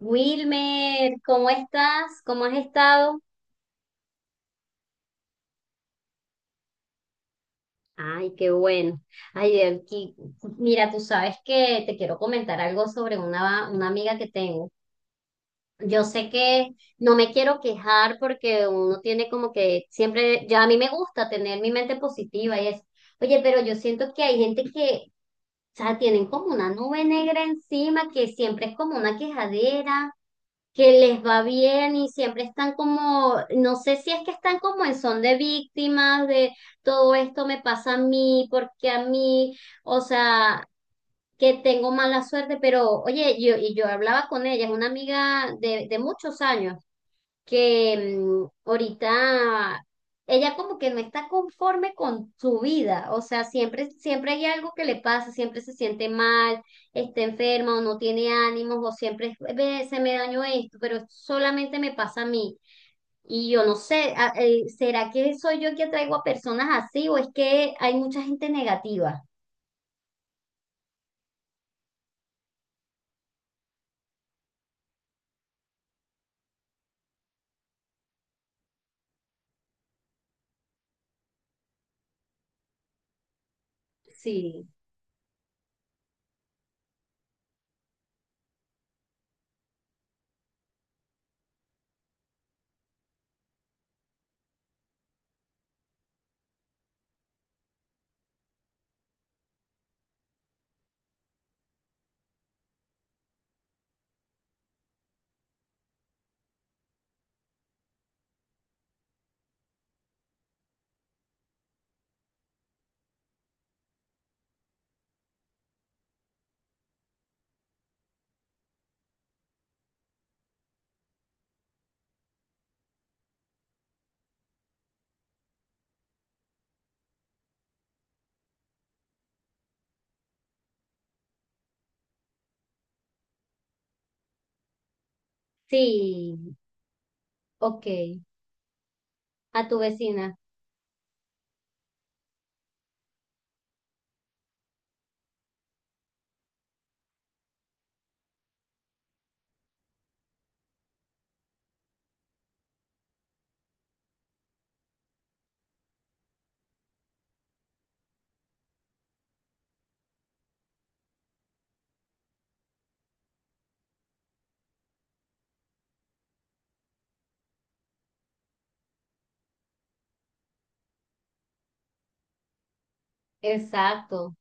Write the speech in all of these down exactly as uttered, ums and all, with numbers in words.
Wilmer, ¿cómo estás? ¿Cómo has estado? Ay, qué bueno. Ay, aquí, mira, tú sabes que te quiero comentar algo sobre una, una amiga que tengo. Yo sé que no me quiero quejar porque uno tiene como que siempre, ya a mí me gusta tener mi mente positiva y eso. Oye, pero yo siento que hay gente que, o sea, tienen como una nube negra encima que siempre es como una quejadera. Que les va bien y siempre están como, no sé si es que están como en son de víctimas de todo esto me pasa a mí, porque a mí, o sea, que tengo mala suerte, pero oye, yo, y yo hablaba con ella, es una amiga de, de muchos años, que mm, ahorita ella como que no está conforme con su vida, o sea, siempre, siempre hay algo que le pasa, siempre se siente mal, está enferma o no tiene ánimos o siempre es, "Ve, se me dañó esto, pero esto solamente me pasa a mí". Y yo no sé, a- eh, ¿será que soy yo que atraigo a personas así o es que hay mucha gente negativa? Sí, sí, ok, a tu vecina, exacto.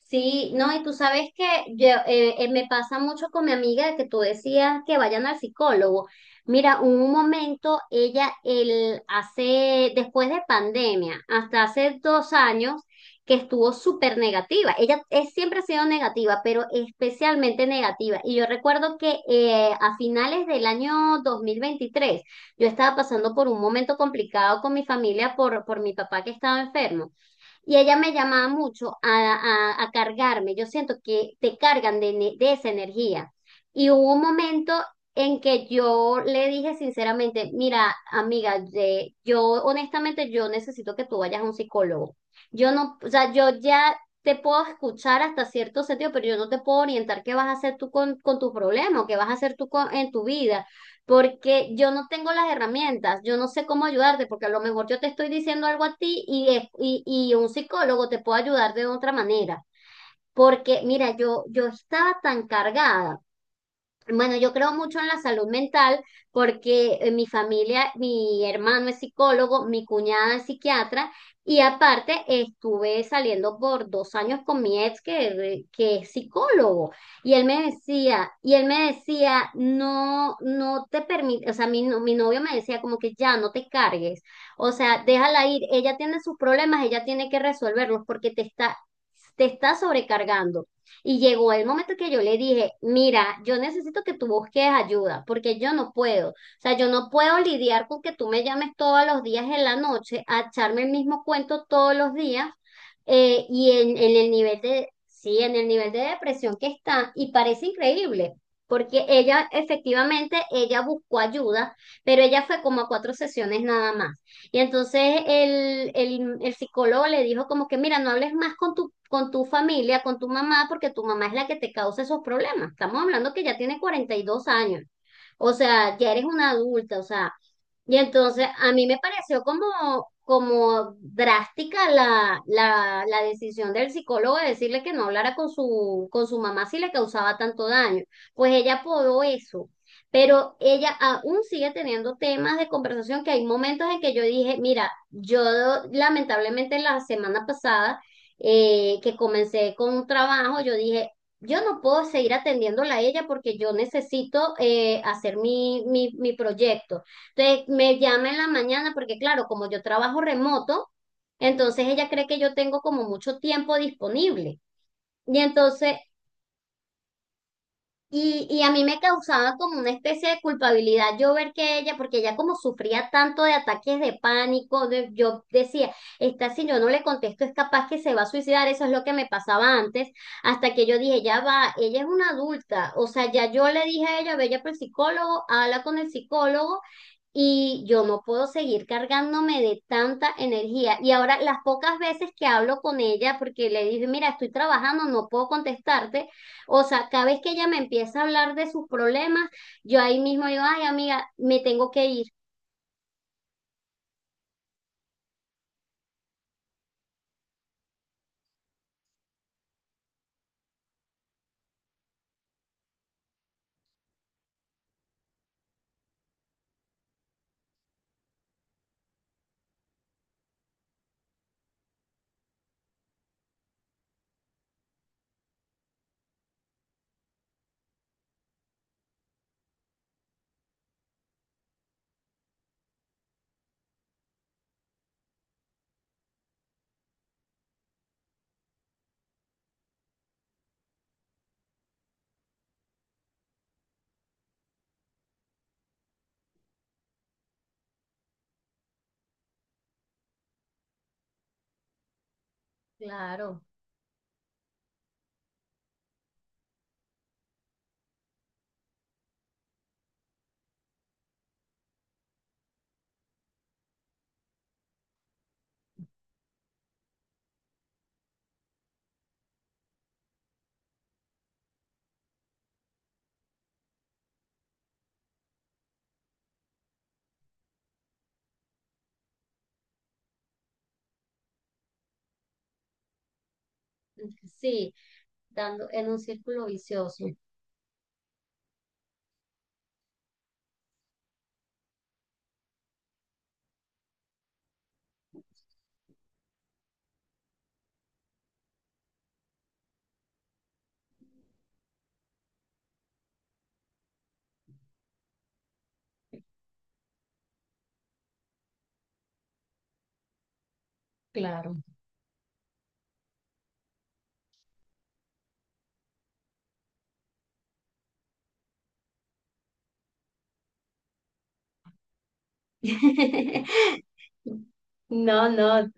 Sí, no, y tú sabes que yo, eh, eh, me pasa mucho con mi amiga de que tú decías que vayan al psicólogo. Mira, hubo un momento, ella, el, hace, después de pandemia, hasta hace dos años, que estuvo súper negativa. Ella es, siempre ha sido negativa, pero especialmente negativa. Y yo recuerdo que eh, a finales del año dos mil veintitrés yo estaba pasando por un momento complicado con mi familia por, por mi papá que estaba enfermo. Y ella me llamaba mucho a, a- a cargarme. Yo siento que te cargan de, ne- de esa energía. Y hubo un momento en que yo le dije sinceramente, mira, amiga, de- yo honestamente yo necesito que tú vayas a un psicólogo. Yo no, o sea, yo ya te puedo escuchar hasta cierto sentido, pero yo no te puedo orientar qué vas a hacer tú con, con tu problema o qué vas a hacer tú con- en tu vida porque yo no tengo las herramientas, yo no sé cómo ayudarte, porque a lo mejor yo te estoy diciendo algo a ti y, es- y, y un psicólogo te puede ayudar de otra manera. Porque, mira, yo, yo estaba tan cargada, bueno, yo creo mucho en la salud mental porque eh, mi familia, mi hermano es psicólogo, mi cuñada es psiquiatra y aparte estuve saliendo por dos años con mi ex que, que es psicólogo. Y él me decía, y él me decía, no, no te permite, o sea, mi, no- mi novio me decía como que ya no te cargues, o sea, déjala ir, ella tiene sus problemas, ella tiene que resolverlos porque te está, te está sobrecargando. Y llegó el momento que yo le dije, mira, yo necesito que tú busques ayuda, porque yo no puedo. O sea, yo no puedo lidiar con que tú me llames todos los días en la noche a echarme el mismo cuento todos los días. eh, y en, en el nivel de, sí, en el nivel de depresión que está, y parece increíble. Porque ella, efectivamente, ella buscó ayuda, pero ella fue como a cuatro sesiones nada más. Y entonces el, el, el psicólogo le dijo como que, mira, no hables más con tu, con tu familia, con tu mamá, porque tu mamá es la que te causa esos problemas. Estamos hablando que ya tiene cuarenta y dos años. O sea, ya eres una adulta, o sea. Y entonces a mí me pareció como, como drástica la, la, la decisión del psicólogo de decirle que no hablara con su, con su mamá si le causaba tanto daño. Pues ella apodó eso, pero ella aún sigue teniendo temas de conversación que hay momentos en que yo dije, mira, yo lamentablemente la semana pasada eh, que comencé con un trabajo, yo dije, yo no puedo seguir atendiéndola a ella porque yo necesito eh, hacer mi, mi, mi proyecto. Entonces me llama en la mañana porque claro, como yo trabajo remoto, entonces ella cree que yo tengo como mucho tiempo disponible. Y entonces y, y a mí me causaba como una especie de culpabilidad yo ver que ella, porque ella como sufría tanto de ataques de pánico, de- yo decía, esta si yo no le contesto es capaz que se va a suicidar, eso es lo que me pasaba antes, hasta que yo dije, ya va, ella es una adulta, o sea, ya yo le dije a ella, ve ya por el psicólogo, habla con el psicólogo y yo no puedo seguir cargándome de tanta energía. Y ahora las pocas veces que hablo con ella, porque le dije, mira, estoy trabajando, no puedo contestarte, o sea, cada vez que ella me empieza a hablar de sus problemas, yo ahí mismo digo, ay, amiga, me tengo que ir. Claro, sí, dando en un círculo vicioso. Claro. No, no.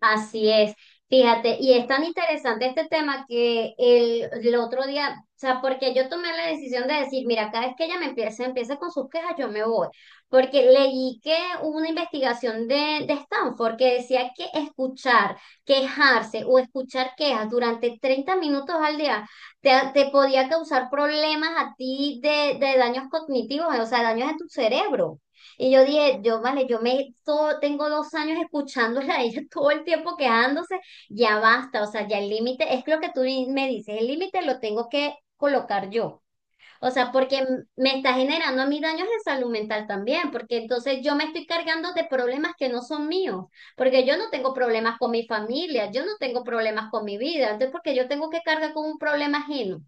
Así es, fíjate, y es tan interesante este tema que el, el otro día, o sea, porque yo tomé la decisión de decir, mira, cada vez que ella me empiece, empiece con sus quejas, yo me voy, porque leí que hubo una investigación de, de Stanford que decía que escuchar, quejarse o escuchar quejas durante treinta minutos al día te, te podía causar problemas a ti de, de daños cognitivos, o sea, daños en tu cerebro. Y yo dije, yo vale, yo me todo, tengo dos años escuchándola a ella todo el tiempo quejándose, ya basta, o sea, ya el límite, es lo que tú di- me dices, el límite lo tengo que colocar yo. O sea, porque m- me está generando a mí daños de salud mental también, porque entonces yo me estoy cargando de problemas que no son míos, porque yo no tengo problemas con mi familia, yo no tengo problemas con mi vida, entonces porque yo tengo que cargar con un problema ajeno.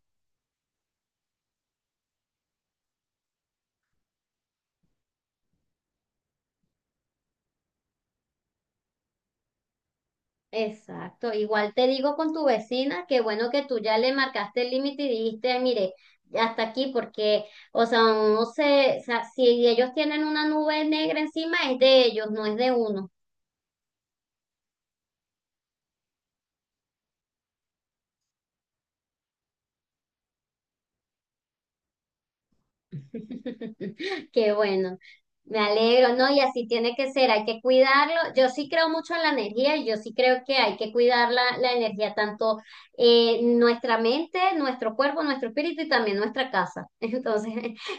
Exacto, igual te digo con tu vecina que bueno que tú ya le marcaste el límite y dijiste, mire, hasta aquí porque, o sea, uno se, o sea, si ellos tienen una nube negra encima es de ellos, no es de uno. Qué bueno, me alegro, ¿no? Y así tiene que ser, hay que cuidarlo. Yo sí creo mucho en la energía y yo sí creo que hay que cuidar la, la energía, tanto eh, nuestra mente, nuestro cuerpo, nuestro espíritu y también nuestra casa. Entonces,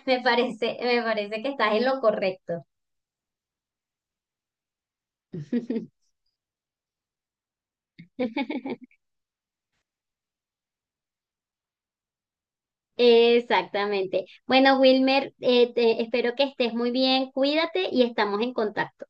me parece, me parece que estás en lo correcto. Exactamente. Bueno, Wilmer, eh, te- espero que estés muy bien, cuídate y estamos en contacto.